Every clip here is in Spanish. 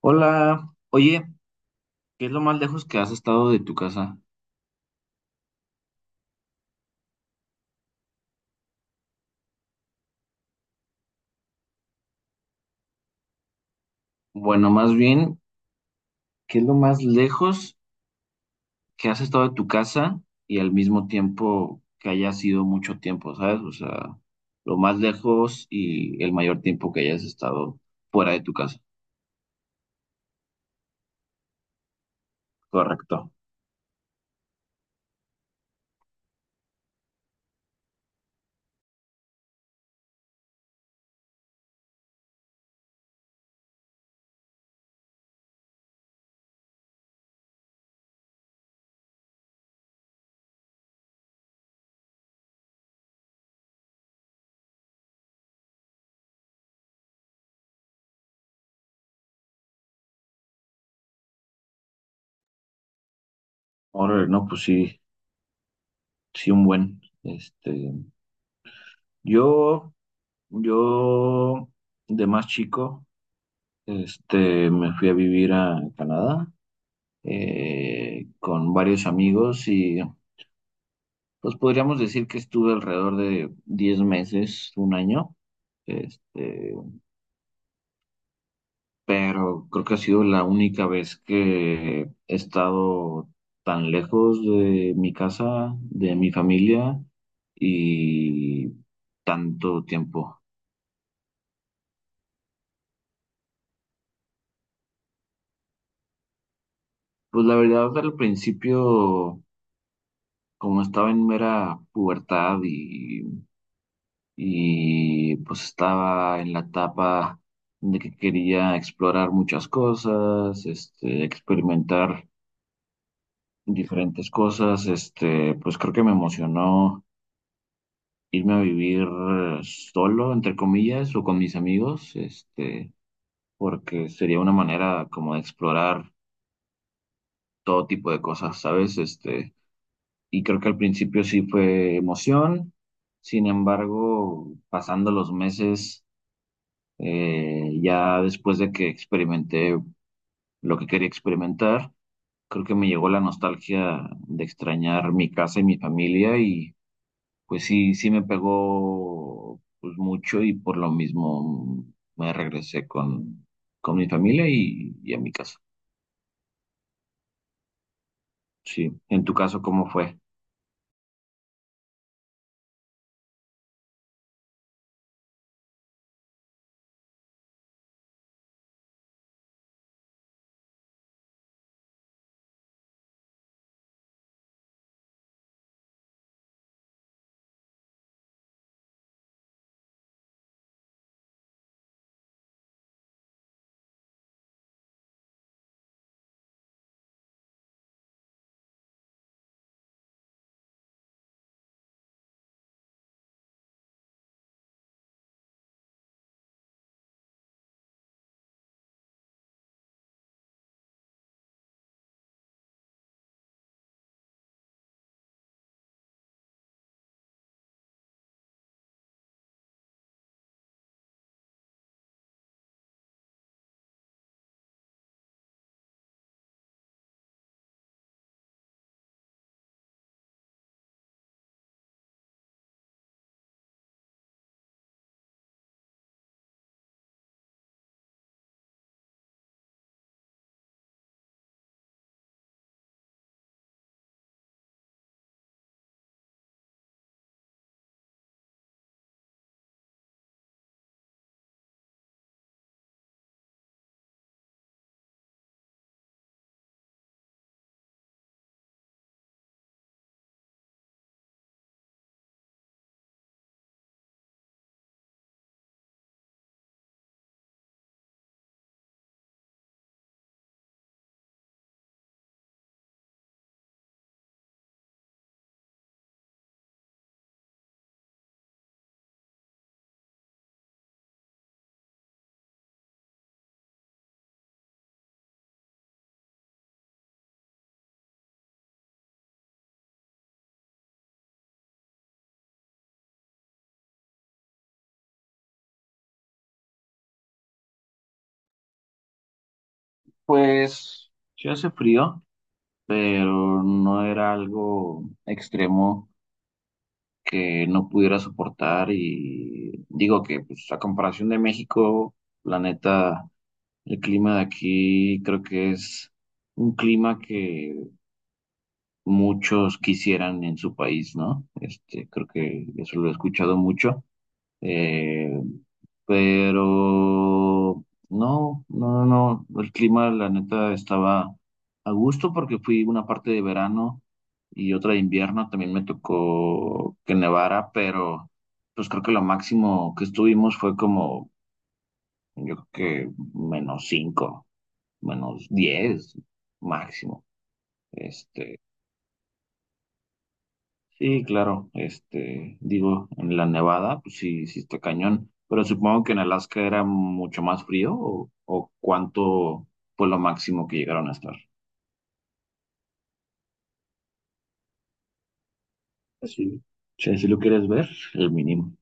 Hola, oye, ¿qué es lo más lejos que has estado de tu casa? Bueno, más bien, ¿qué es lo más lejos que has estado de tu casa y al mismo tiempo que haya sido mucho tiempo? ¿Sabes? O sea, lo más lejos y el mayor tiempo que hayas estado fuera de tu casa. Correcto. Ahora, no, pues sí, sí, un buen. Este, yo, yo de más chico, este, me fui a vivir a Canadá con varios amigos y pues podríamos decir que estuve alrededor de 10 meses, un año, este, pero creo que ha sido la única vez que he estado tan lejos de mi casa, de mi familia y tanto tiempo. Pues la verdad, al principio, como estaba en mera pubertad y pues estaba en la etapa de que quería explorar muchas cosas, este, experimentar diferentes cosas, este, pues creo que me emocionó irme a vivir solo, entre comillas, o con mis amigos, este, porque sería una manera como de explorar todo tipo de cosas, ¿sabes? Este, y creo que al principio sí fue emoción. Sin embargo, pasando los meses, ya después de que experimenté lo que quería experimentar, creo que me llegó la nostalgia de extrañar mi casa y mi familia y pues sí, sí me pegó pues mucho, y por lo mismo me regresé con mi familia y a mi casa. Sí, en tu caso, ¿cómo fue? Pues sí hace frío, pero no era algo extremo que no pudiera soportar, y digo que pues a comparación de México, la neta, el clima de aquí creo que es un clima que muchos quisieran en su país, ¿no? Este, creo que eso lo he escuchado mucho. Eh, pero no, no, no, no, el clima la neta estaba a gusto porque fui una parte de verano y otra de invierno, también me tocó que nevara, pero pues creo que lo máximo que estuvimos fue como, yo creo que -5, -10 máximo, este. Sí, claro, este, digo, en la Nevada, pues sí, sí está cañón, pero supongo que en Alaska era mucho más frío. O, ¿o cuánto fue lo máximo que llegaron a estar? Sí, sí, si lo quieres ver, el mínimo.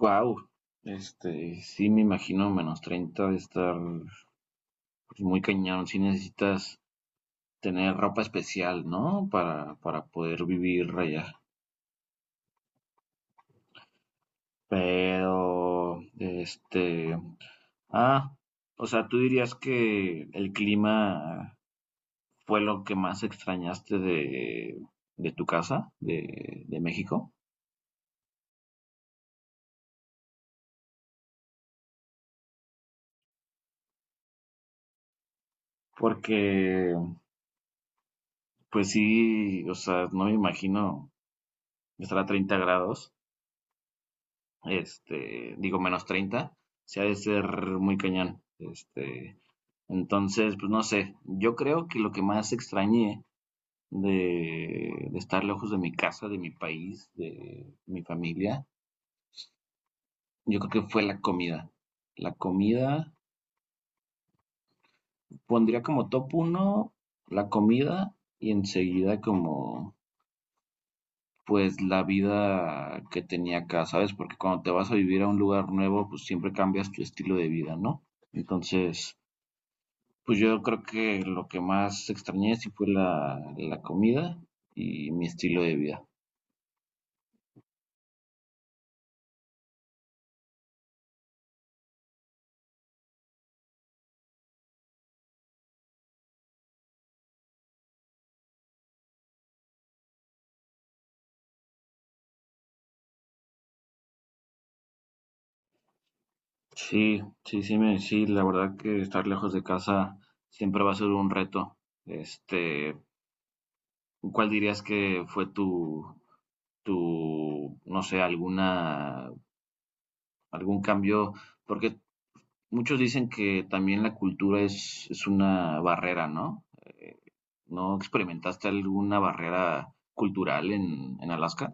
Wow, este, sí me imagino -30, de estar pues muy cañón. Sí necesitas tener ropa especial, ¿no? Para poder vivir allá. Pero, este, ah, o sea, tú dirías que el clima fue lo que más extrañaste de tu casa, de México, porque pues sí, o sea, no me imagino estar a 30 grados, este, digo -30, se ha de ser muy cañón, este, entonces pues no sé, yo creo que lo que más extrañé de estar lejos de mi casa, de mi país, de mi familia, yo creo que fue la comida. La comida pondría como top uno, la comida, y enseguida como pues la vida que tenía acá, ¿sabes? Porque cuando te vas a vivir a un lugar nuevo, pues siempre cambias tu estilo de vida, ¿no? Entonces pues yo creo que lo que más extrañé sí fue la comida y mi estilo de vida. Sí, sí, sí, me, sí, la verdad que estar lejos de casa siempre va a ser un reto. Este, ¿cuál dirías que fue tu, tu, no sé, alguna, algún cambio? Porque muchos dicen que también la cultura es una barrera, ¿no? ¿No experimentaste alguna barrera cultural en Alaska?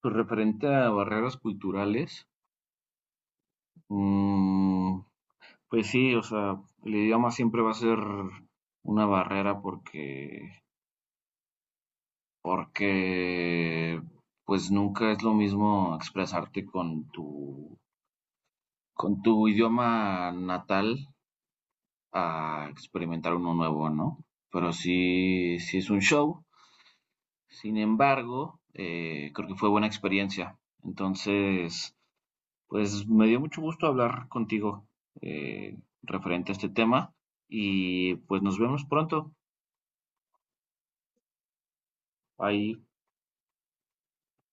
Pues referente a barreras culturales, mm, pues sí, o sea, el idioma siempre va a ser una barrera, porque pues nunca es lo mismo expresarte con tu idioma natal a experimentar uno nuevo, ¿no? Pero sí, sí es un show. Sin embargo, creo que fue buena experiencia. Entonces, pues me dio mucho gusto hablar contigo eh, referente a este tema, y pues nos vemos pronto. Ahí